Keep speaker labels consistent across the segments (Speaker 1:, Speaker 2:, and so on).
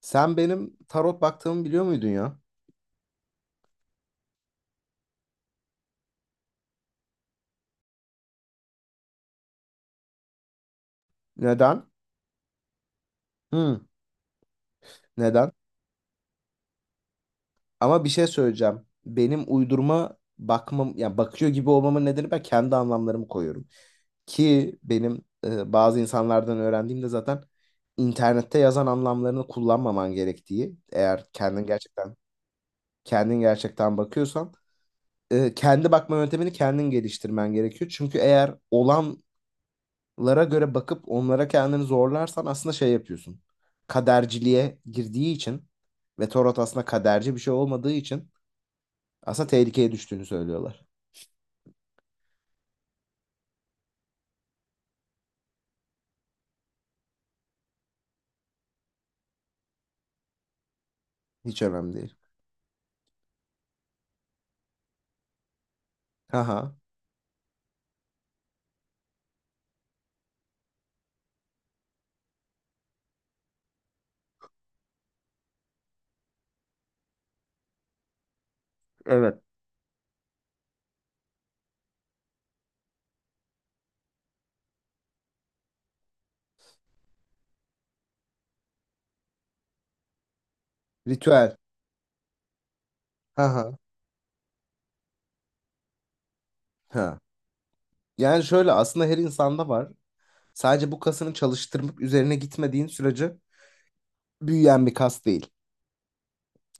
Speaker 1: Sen benim tarot baktığımı biliyor muydun ya? Neden? Hı, neden? Ama bir şey söyleyeceğim. Benim uydurma bakmam, yani bakıyor gibi olmamın nedeni ben kendi anlamlarımı koyuyorum. Ki benim bazı insanlardan öğrendiğimde zaten internette yazan anlamlarını kullanmaman gerektiği, eğer kendin gerçekten bakıyorsan, kendi bakma yöntemini kendin geliştirmen gerekiyor. Çünkü eğer olan lara göre bakıp onlara kendini zorlarsan aslında şey yapıyorsun. Kaderciliğe girdiği için ve tarot aslında kaderci bir şey olmadığı için aslında tehlikeye düştüğünü söylüyorlar. Hiç önemli değil. Haha. Evet. Ritüel. Haha. Ha. Yani şöyle aslında her insanda var. Sadece bu kasını çalıştırmak üzerine gitmediğin sürece büyüyen bir kas değil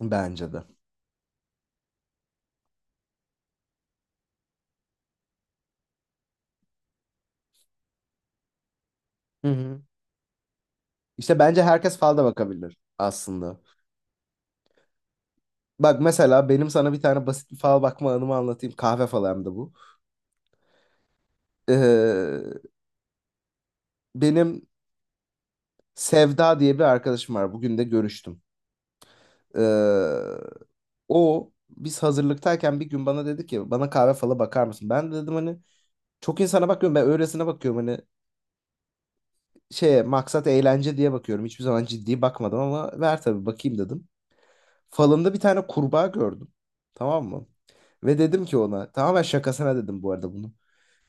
Speaker 1: bence de. Hı hı. İşte bence herkes falda bakabilir aslında. Bak mesela benim sana bir tane basit bir fal bakma anımı anlatayım. Kahve falı hem de bu. Ee, benim Sevda diye bir arkadaşım var. Bugün de görüştüm. Ee, o biz hazırlıktayken bir gün bana dedi ki bana kahve falı bakar mısın? Ben de dedim hani çok insana bakıyorum ben öylesine bakıyorum hani şeye maksat eğlence diye bakıyorum. Hiçbir zaman ciddi bakmadım ama ver tabii bakayım dedim. Falında bir tane kurbağa gördüm. Tamam mı? Ve dedim ki ona tamamen şakasına dedim bu arada bunu.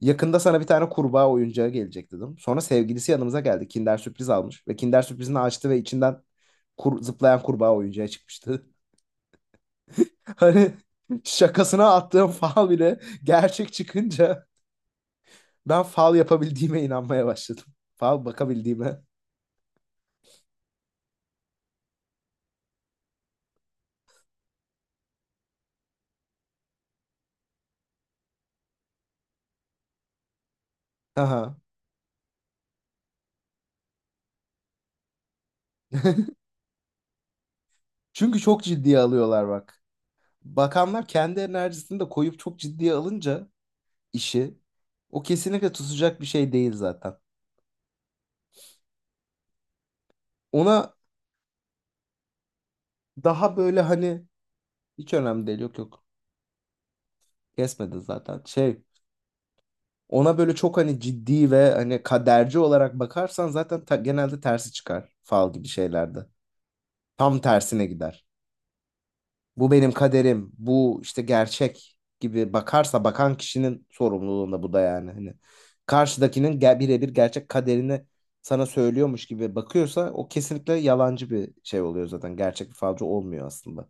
Speaker 1: Yakında sana bir tane kurbağa oyuncağı gelecek dedim. Sonra sevgilisi yanımıza geldi. Kinder sürpriz almış. Ve Kinder sürprizini açtı ve içinden zıplayan kurbağa oyuncağı çıkmıştı. Hani şakasına attığım fal bile gerçek çıkınca ben fal yapabildiğime inanmaya başladım. Fal bakabildiğime. Aha. Çünkü çok ciddiye alıyorlar bak. Bakanlar kendi enerjisini de koyup çok ciddiye alınca işi o kesinlikle tutacak bir şey değil zaten. Ona daha böyle hani hiç önemli değil yok yok. Kesmedi zaten. Şey ona böyle çok hani ciddi ve hani kaderci olarak bakarsan zaten genelde tersi çıkar fal gibi şeylerde. Tam tersine gider. Bu benim kaderim, bu işte gerçek gibi bakarsa bakan kişinin sorumluluğunda bu da yani. Hani karşıdakinin birebir gerçek kaderini sana söylüyormuş gibi bakıyorsa o kesinlikle yalancı bir şey oluyor zaten. Gerçek bir falcı olmuyor aslında.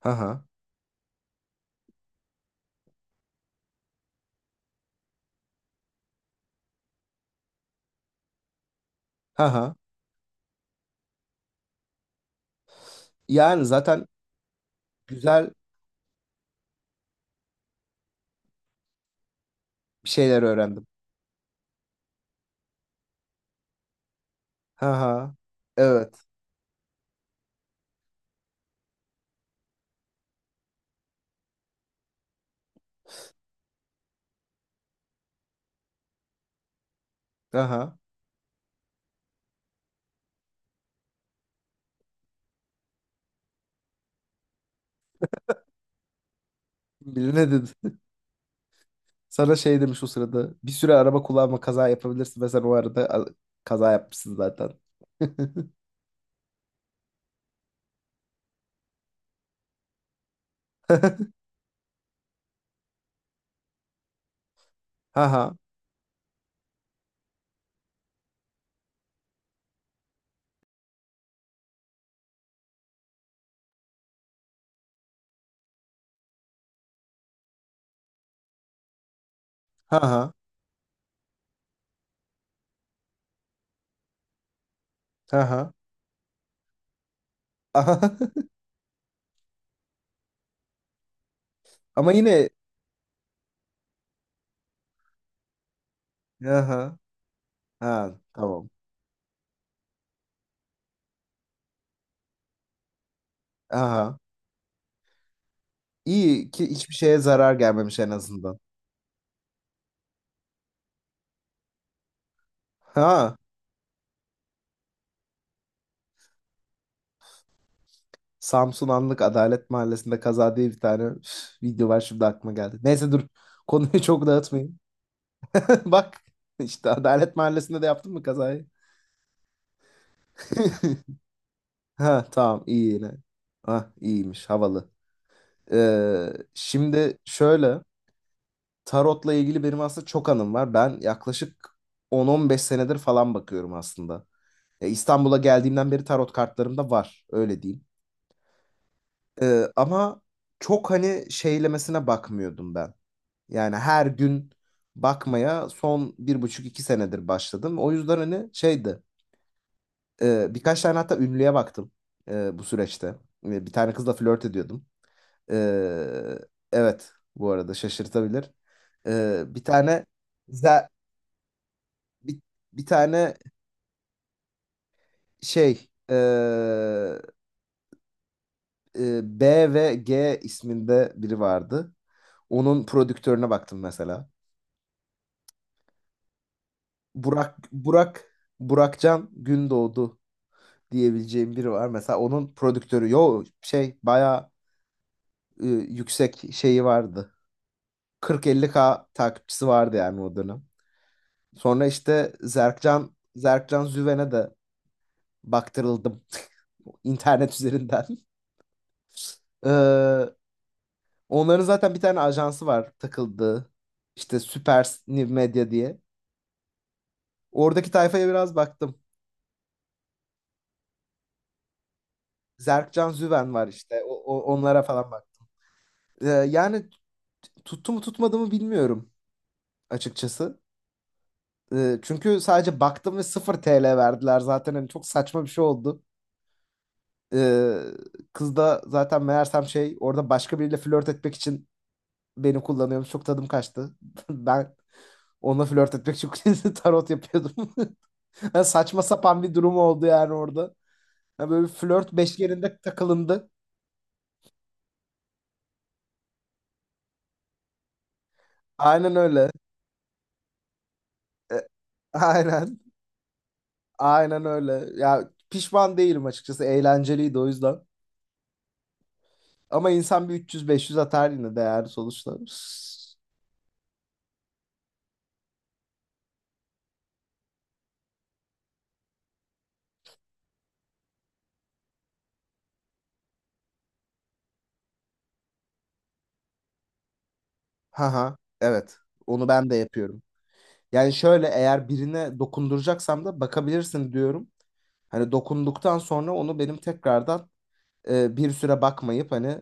Speaker 1: Ha ha. Ha ha. Yani zaten güzel bir şeyler öğrendim. Ha ha. Evet. Aha. Biri ne dedi? Sana şey demiş o sırada. Bir süre araba kullanma kaza yapabilirsin ve sen o arada kaza yapmışsın zaten. Haha. Haha. Haha. Aha. Ama yine Aha. Ha, tamam. Aha. İyi ki hiçbir şeye zarar gelmemiş en azından. Ha. Samsun Anlık Adalet Mahallesi'nde kaza diye bir tane video var şimdi aklıma geldi. Neyse dur. Konuyu çok dağıtmayayım. Bak işte Adalet Mahallesi'nde de yaptın mı kazayı? Ha tamam iyi yine. Ah iyiymiş havalı. Ee, şimdi şöyle tarotla ilgili benim aslında çok anım var. Ben yaklaşık 10-15 senedir falan bakıyorum aslında. Ya İstanbul'a geldiğimden beri tarot kartlarım da var öyle diyeyim. Ama çok hani şeylemesine bakmıyordum ben. Yani her gün bakmaya son 1,5-2 senedir başladım. O yüzden hani şeydi birkaç tane hatta ünlüye baktım bu süreçte. E, bir tane kızla flört ediyordum. Ee, evet bu arada şaşırtabilir. Ee, bir tane za- bir, bir tane şey ee, B ve G isminde biri vardı. Onun prodüktörüne baktım mesela. Burak Burak Burakcan Gündoğdu diyebileceğim biri var. Mesela onun prodüktörü yo şey bayağı yüksek şeyi vardı. Kırk 50 k takipçisi vardı yani o dönem. Sonra işte Zerkcan Züven'e de baktırıldım internet üzerinden. Ee, onların zaten bir tane ajansı var takıldığı. İşte Süper New Media diye. Oradaki tayfaya biraz baktım. Zerkcan Züven var işte. Onlara falan bak. Ee, yani tuttu mu tutmadı mı bilmiyorum açıkçası. Çünkü sadece baktım ve 0 TL verdiler zaten. Hani çok saçma bir şey oldu. Ee, kız da zaten meğersem şey orada başka biriyle flört etmek için beni kullanıyormuş. Çok tadım kaçtı. Ben onunla flört etmek için tarot yapıyordum. Ha, saçma sapan bir durum oldu yani orada. Ha, böyle bir flört beşgeninde takılındı. Aynen öyle. E, aynen. Aynen öyle. Ya pişman değilim açıkçası. Eğlenceliydi o yüzden. Ama insan bir 300-500 atar yine değer sonuçta. Haha. Evet. Onu ben de yapıyorum. Yani şöyle eğer birine dokunduracaksam da bakabilirsin diyorum. Hani dokunduktan sonra onu benim tekrardan bir süre bakmayıp hani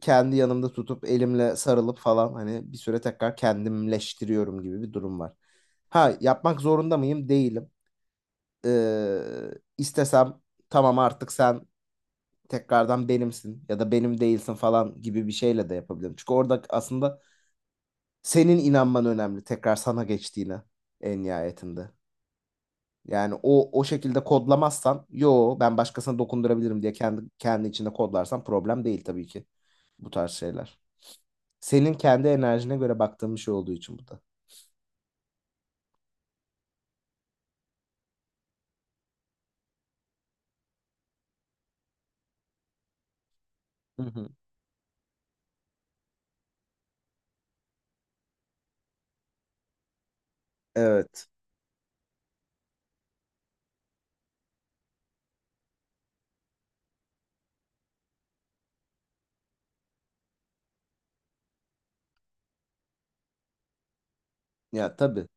Speaker 1: kendi yanımda tutup elimle sarılıp falan hani bir süre tekrar kendimleştiriyorum gibi bir durum var. Ha yapmak zorunda mıyım? Değilim. Ee, istesem tamam artık sen tekrardan benimsin ya da benim değilsin falan gibi bir şeyle de yapabilirim. Çünkü orada aslında senin inanman önemli tekrar sana geçtiğine en nihayetinde. Yani o şekilde kodlamazsan yo ben başkasına dokundurabilirim diye kendi kendi içinde kodlarsan problem değil tabii ki bu tarz şeyler. Senin kendi enerjine göre baktığın bir şey olduğu için bu da. Hı hı. Evet. Ya tabii.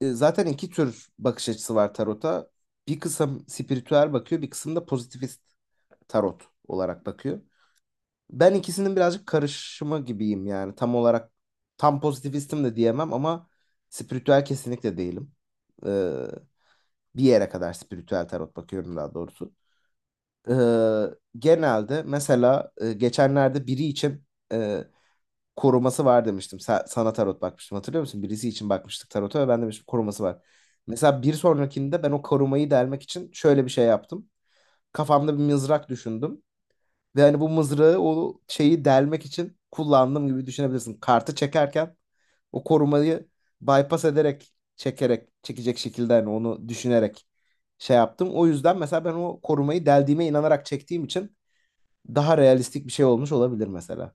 Speaker 1: Zaten iki tür bakış açısı var tarota. Bir kısım spiritüel bakıyor, bir kısım da pozitivist tarot olarak bakıyor. Ben ikisinin birazcık karışımı gibiyim yani. Tam olarak tam pozitivistim de diyemem ama spiritüel kesinlikle değilim. Ee, bir yere kadar spiritüel tarot bakıyorum daha doğrusu. Ee, genelde mesela geçenlerde biri için e, koruması var demiştim. Sana tarot bakmıştım hatırlıyor musun? Birisi için bakmıştık tarota ve ben demiştim koruması var. Mesela bir sonrakinde ben o korumayı delmek için şöyle bir şey yaptım. Kafamda bir mızrak düşündüm. Ve hani bu mızrağı o şeyi delmek için kullandım gibi düşünebilirsin. Kartı çekerken o korumayı bypass ederek, çekerek, çekecek şekilde hani onu düşünerek şey yaptım. O yüzden mesela ben o korumayı deldiğime inanarak çektiğim için daha realistik bir şey olmuş olabilir mesela.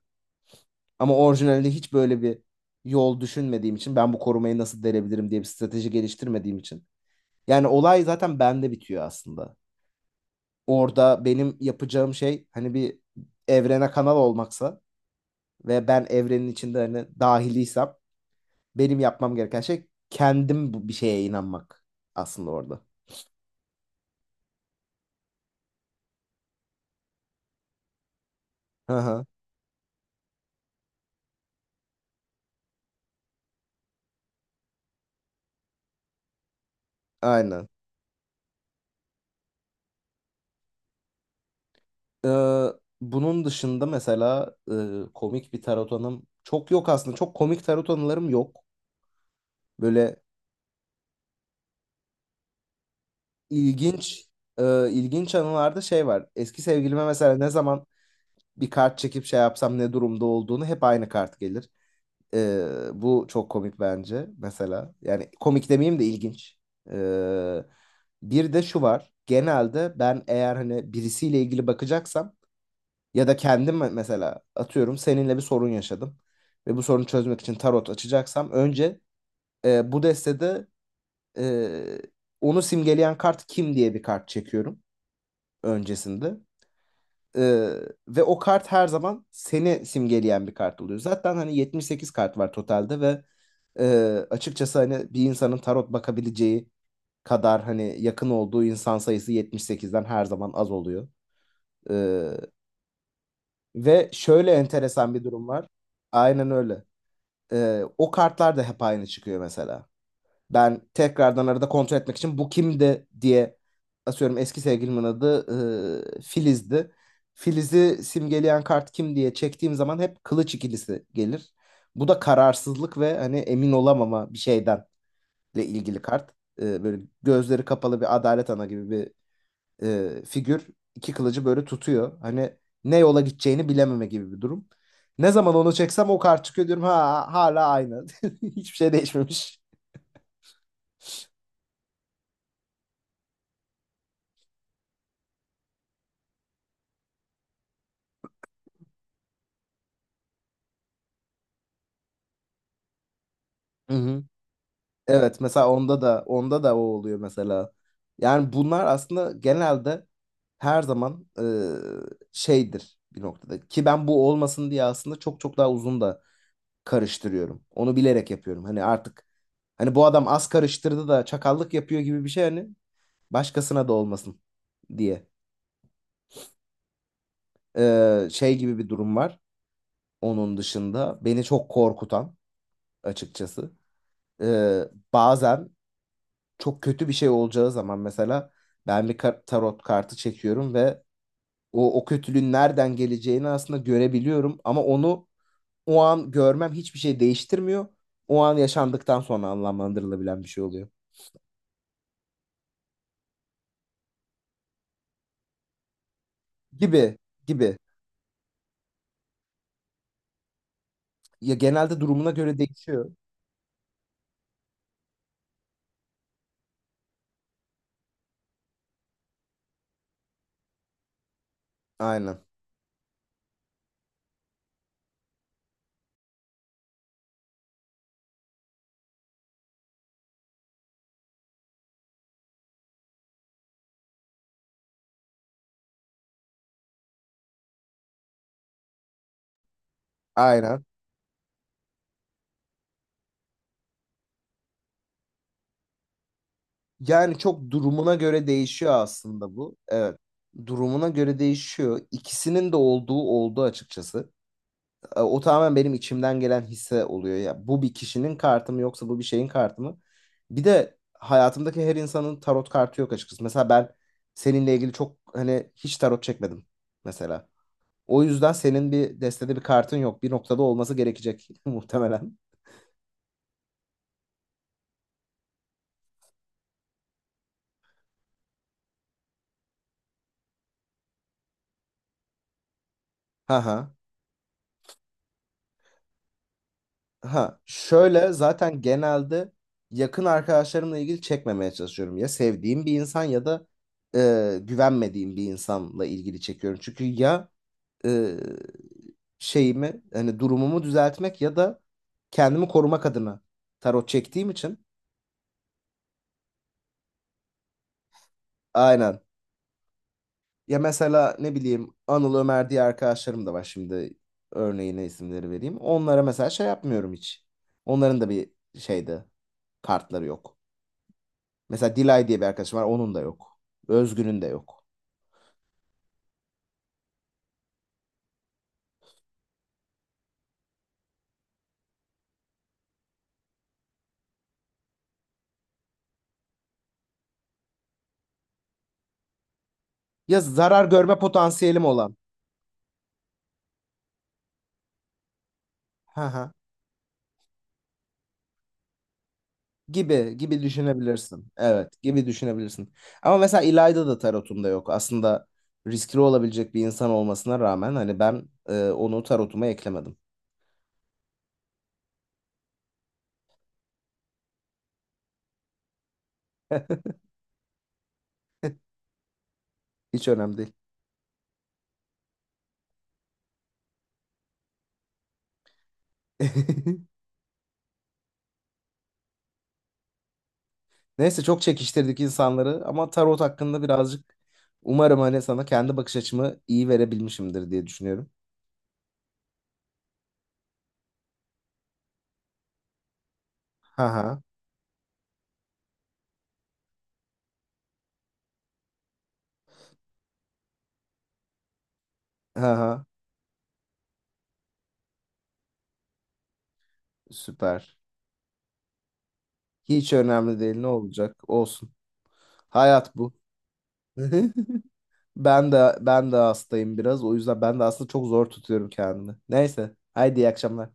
Speaker 1: Ama orijinalde hiç böyle bir yol düşünmediğim için ben bu korumayı nasıl delebilirim diye bir strateji geliştirmediğim için. Yani olay zaten bende bitiyor aslında. Orada benim yapacağım şey hani bir evrene kanal olmaksa ve ben evrenin içinde hani dahiliysem benim yapmam gereken şey kendim bir şeye inanmak aslında orada. Hı hı. Aynen. Ee, bunun dışında mesela komik bir tarot anım çok yok aslında. Çok komik tarot anılarım yok. Böyle ilginç ilginç anılarda şey var. Eski sevgilime mesela ne zaman bir kart çekip şey yapsam ne durumda olduğunu hep aynı kart gelir. E, bu çok komik bence mesela. Yani komik demeyeyim de ilginç. E, bir de şu var. Genelde ben eğer hani birisiyle ilgili bakacaksam ya da kendim mesela atıyorum seninle bir sorun yaşadım ve bu sorunu çözmek için tarot açacaksam önce bu destede e, onu simgeleyen kart kim diye bir kart çekiyorum öncesinde. Ee, ve o kart her zaman seni simgeleyen bir kart oluyor. Zaten hani 78 kart var totalde ve açıkçası hani bir insanın tarot bakabileceği kadar hani yakın olduğu insan sayısı 78'den her zaman az oluyor. Ee, ve şöyle enteresan bir durum var. Aynen öyle. O kartlar da hep aynı çıkıyor mesela. Ben tekrardan arada kontrol etmek için bu kimdi diye asıyorum eski sevgilimin adı Filiz'di. Filiz'i simgeleyen kart kim diye çektiğim zaman hep kılıç ikilisi gelir. Bu da kararsızlık ve hani emin olamama bir şeyden ile ilgili kart. Böyle gözleri kapalı bir adalet ana gibi bir figür. İki kılıcı böyle tutuyor. Hani ne yola gideceğini bilememe gibi bir durum. Ne zaman onu çeksem o kart çıkıyor diyorum ha hala aynı. Hiçbir şey değişmemiş. Hı hı. Evet mesela onda da onda da o oluyor mesela. Yani bunlar aslında genelde her zaman şeydir bir noktada. Ki ben bu olmasın diye aslında çok çok daha uzun da karıştırıyorum. Onu bilerek yapıyorum. Hani artık hani bu adam az karıştırdı da çakallık yapıyor gibi bir şey hani başkasına da olmasın diye. Şey gibi bir durum var. Onun dışında beni çok korkutan açıkçası. E, bazen çok kötü bir şey olacağı zaman mesela ben bir tarot kartı çekiyorum ve o kötülüğün nereden geleceğini aslında görebiliyorum ama onu o an görmem hiçbir şey değiştirmiyor. O an yaşandıktan sonra anlamlandırılabilen bir şey oluyor. Gibi gibi. Ya genelde durumuna göre değişiyor. Aynen. Aynen. Yani çok durumuna göre değişiyor aslında bu. Evet. Durumuna göre değişiyor. İkisinin de olduğu oldu açıkçası. O tamamen benim içimden gelen hisse oluyor ya. Bu bir kişinin kartı mı yoksa bu bir şeyin kartı mı? Bir de hayatımdaki her insanın tarot kartı yok açıkçası. Mesela ben seninle ilgili çok hani hiç tarot çekmedim mesela. O yüzden senin bir destede bir kartın yok. Bir noktada olması gerekecek muhtemelen. Ha ha. Ha. Şöyle zaten genelde yakın arkadaşlarımla ilgili çekmemeye çalışıyorum. Ya sevdiğim bir insan ya da güvenmediğim bir insanla ilgili çekiyorum. Çünkü ya e, şeyimi hani durumumu düzeltmek ya da kendimi korumak adına tarot çektiğim için aynen. Ya mesela ne bileyim Anıl Ömer diye arkadaşlarım da var şimdi örneğine isimleri vereyim. Onlara mesela şey yapmıyorum hiç. Onların da bir şeyde kartları yok. Mesela Dilay diye bir arkadaşım var onun da yok. Özgün'ün de yok. Ya zarar görme potansiyelim olan. Gibi gibi düşünebilirsin. Evet, gibi düşünebilirsin. Ama mesela İlayda da tarotumda yok. Aslında riskli olabilecek bir insan olmasına rağmen hani ben onu tarotuma eklemedim. Hiç önemli değil. Neyse çok çekiştirdik insanları ama tarot hakkında birazcık umarım hani sana kendi bakış açımı iyi verebilmişimdir diye düşünüyorum. Ha ha ha ha süper. Hiç önemli değil ne olacak olsun. Hayat bu. Ben de hastayım biraz. O yüzden ben de aslında çok zor tutuyorum kendimi. Neyse. Haydi iyi akşamlar.